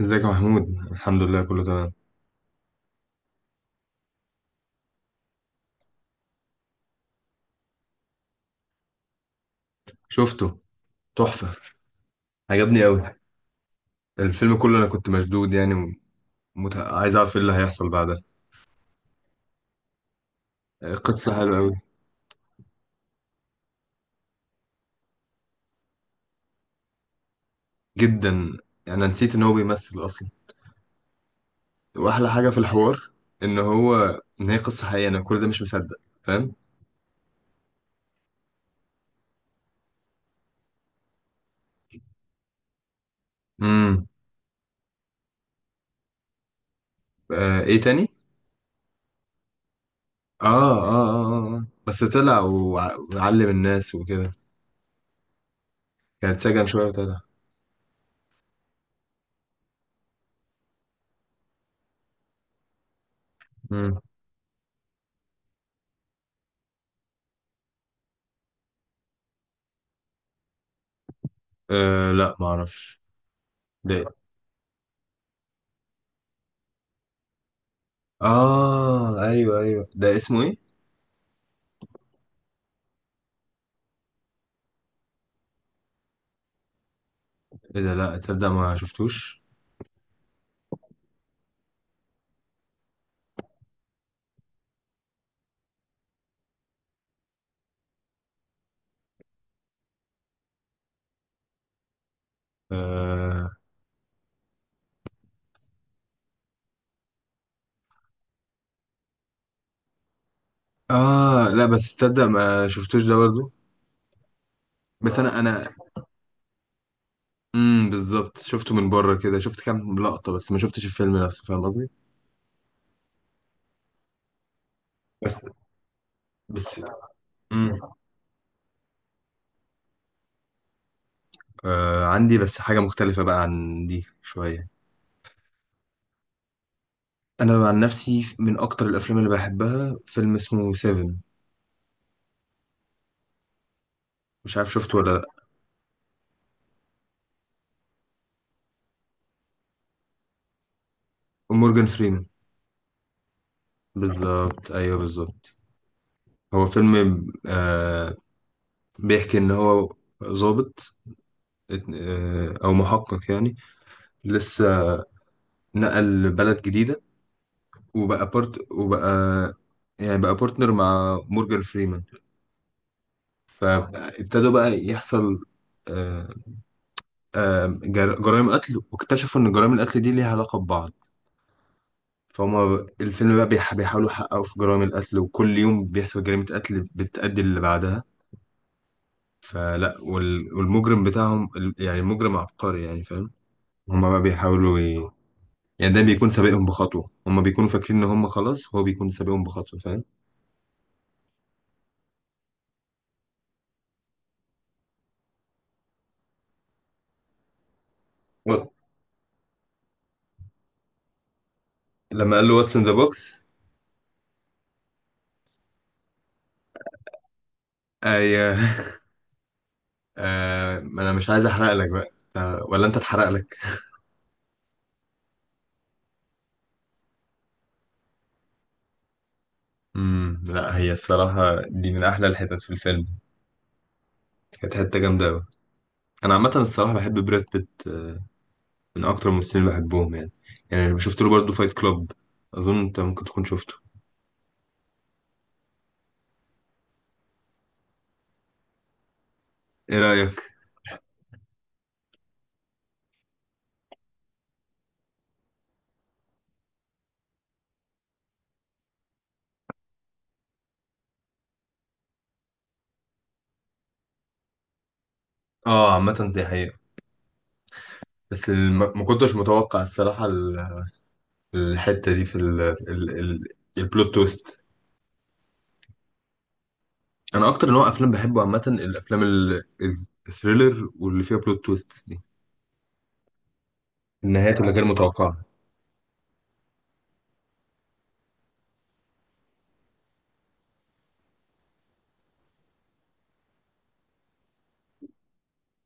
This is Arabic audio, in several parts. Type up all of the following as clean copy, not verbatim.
ازيك يا محمود؟ الحمد لله، كله تمام. شفته. تحفة. عجبني قوي. الفيلم كله انا كنت مشدود يعني. عايز اعرف ايه اللي هيحصل بعدها. قصة حلوة قوي. جدا. انا نسيت ان هو بيمثل اصلا. واحلى حاجة في الحوار ان هو ان هي قصة حقيقية، انا كل ده مش مصدق. فاهم؟ امم. آه، ايه تاني؟ بس طلع وعلم الناس وكده. كان اتسجن شوية وطلع. امم. آه، لا معرفش. ده... اه، ايوه، ايوه، ده اسمه ايه؟ ايه ده؟ لا تصدق ما شفتوش. آه... اه، لا، بس تصدق ما شفتوش ده برضو. بس ما انا امم، بالظبط، شفته من بره كده، شفت كام لقطة بس ما شفتش الفيلم نفسه، فاهم قصدي؟ بس بس. امم. آه، عندي بس حاجة مختلفة بقى عن دي شوية. انا عن نفسي، من اكتر الافلام اللي بحبها فيلم اسمه سيفن. مش عارف شفته ولا لا. مورجان فريمان. بالظبط، ايوه بالظبط. هو فيلم، آه، بيحكي ان هو ظابط، آه، او محقق يعني. لسه نقل بلد جديده، وبقى بارت وبقى يعني بقى بارتنر مع مورجان فريمان. فابتدوا بقى يحصل، آه، جرائم قتل، واكتشفوا ان جرائم القتل دي ليها علاقه ببعض. فهم. الفيلم بقى بيحاولوا يحققوا في جرائم القتل، وكل يوم بيحصل جريمه قتل بتأدي اللي بعدها. فلا والمجرم بتاعهم يعني المجرم عبقري يعني، فاهم؟ هما بقى بيحاولوا يعني، ده بيكون سابقهم بخطوة، هما بيكونوا فاكرين إن هما خلاص هو بيكون سابقهم بخطوة، فاهم؟ و- لما قال له واتس ان ذا بوكس. أي آه، ما أنا مش عايز أحرق لك بقى. آه، ولا أنت اتحرق لك؟ امم. لا، هي الصراحة دي من أحلى الحتت في الفيلم. كانت حتة جامدة أوي. أنا عامة الصراحة بحب براد بيت، آه، من أكتر الممثلين اللي بحبهم يعني. يعني أنا شفت له برضه فايت كلاب، أظن أنت ممكن تكون شفته. إيه رأيك؟ آه، عامة دي حقيقة، بس ما كنتش متوقع الصراحة الحته دي في ال ال ال البلوت تويست. انا اكتر نوع افلام بحبه عامه الافلام الثريلر، واللي فيها بلوت تويست دي، النهايات اللي غير متوقعه.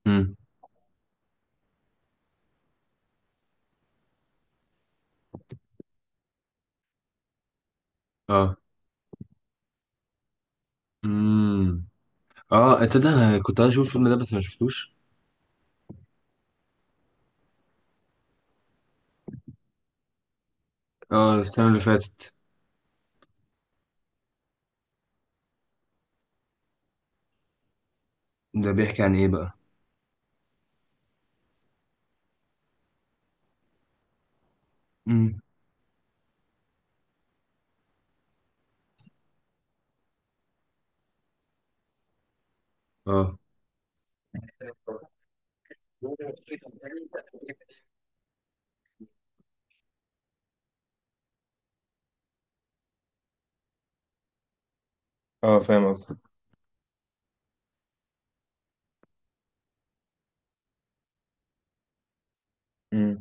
امم، اه، امم، اه، انت ده انا كنت عايز اشوف الفيلم ده بس ما شفتوش. اه، السنه اللي فاتت. ده بيحكي عن ايه بقى؟ امم، اه، اه، فاهم قصدك. امم.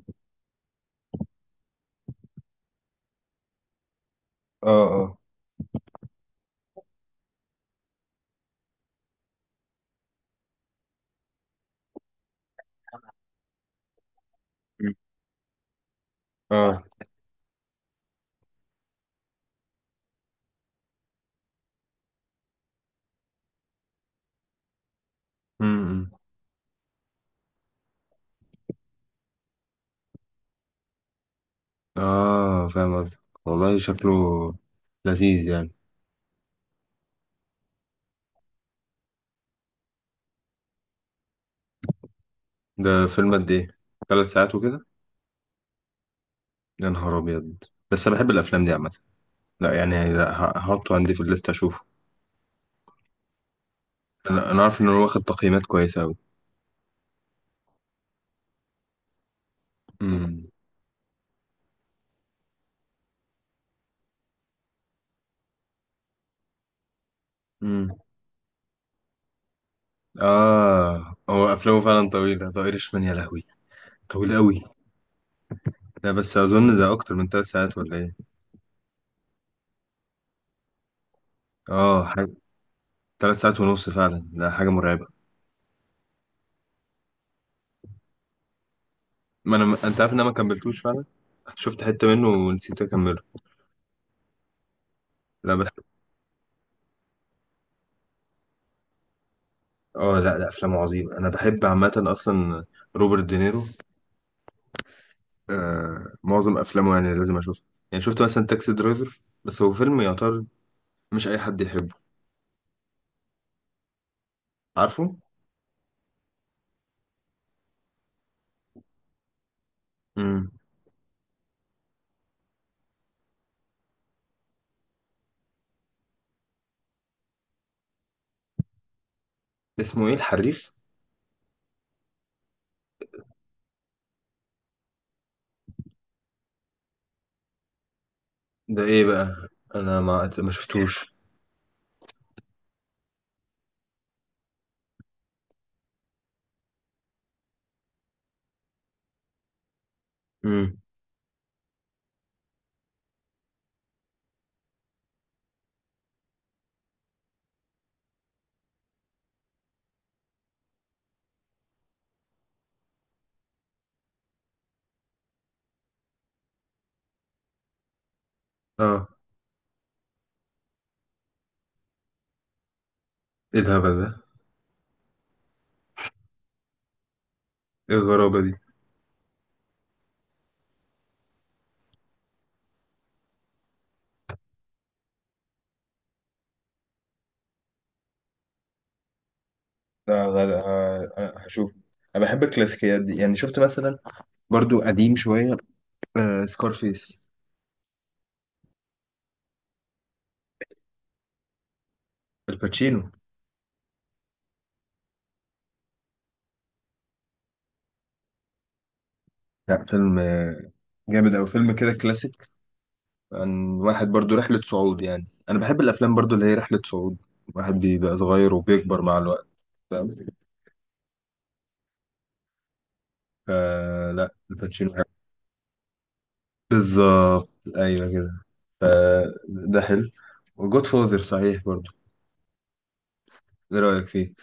اه، اه. مم. اه. امم. اه، فاهم قصدك. والله شكله لذيذ يعني. ده فيلم قد ايه، 3 ساعات وكده؟ يا نهار ابيض. بس انا بحب الافلام دي عامه. لا يعني، لا، هحطه عندي في الليست اشوفه. انا عارف ان هو واخد تقييمات كويسه قوي. امم. امم. اه، هو افلامه فعلا طويله، ده ايرشمان يا لهوي، طويل قوي. لا بس اظن ده اكتر من 3 ساعات ولا ايه؟ اه، حاجه. 3 ساعات ونص فعلا، ده حاجه مرعبه. ما انا انت عارف ان انا ما كملتوش فعلا، شفت حته منه ونسيت اكمله. لا بس، اه، لا، لا، افلامه عظيمه، انا بحب عامه اصلا روبرت دينيرو. آه، معظم افلامه يعني لازم اشوفها. يعني شفت مثلا تاكسي درايفر، بس هو فيلم يعتبر مش اي حد يحبه، عارفه. امم. اسمه ايه الحريف؟ ده ايه بقى؟ انا ما شفتوش. امم. اه، ايه الهبل ده؟ ايه الغرابة دي؟ لا غير، هشوف. انا بحب الكلاسيكيات دي، يعني شفت مثلا برضو قديم شويه، آه، سكارفيس. الباتشينو. لا، فيلم جامد أوي، فيلم كده كلاسيك، عن واحد برضو رحلة صعود، يعني أنا بحب الأفلام برضو اللي هي رحلة صعود، واحد بيبقى صغير وبيكبر مع الوقت، فاهم؟ فلا الباتشينو حلو. بالظبط. أيوة كده، فده حلو. وجود فوزر صحيح برضو، إيه رأيك فيه؟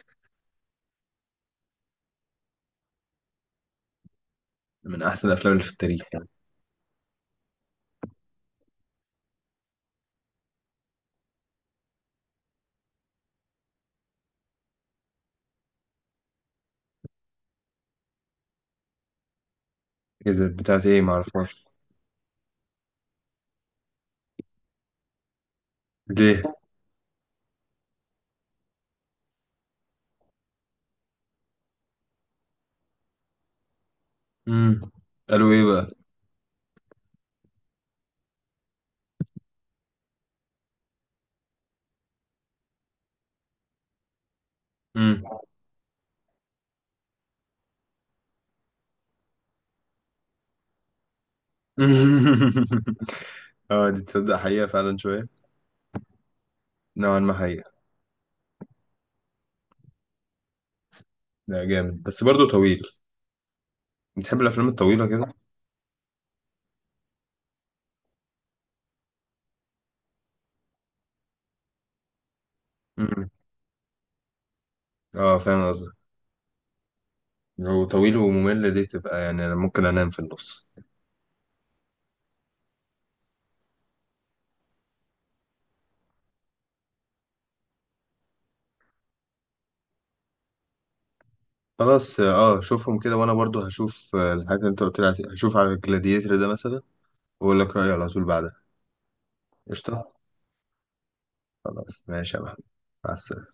من أحسن الأفلام اللي في التاريخ يعني. إذا بتاعت إيه معرفهاش. ليه؟ مم. قالوا إيه بقى؟ مم. اه، دي تصدق حقيقة فعلا شوية، نوعا ما حقيقة. لا جامد، بس برضو طويل، بتحب الأفلام الطويلة كده؟ مم. اه، فاهم قصدي. لو طويل وممل دي تبقى يعني أنا ممكن أنام في النص. خلاص، اه، شوفهم كده، وأنا برضو هشوف الحاجات اللي أنت قلت لي عليها. هشوف على الجلاديتر ده مثلا، وأقول لك رأيي على طول بعدها. قشطة. خلاص، ماشي يا محمد، مع السلامة.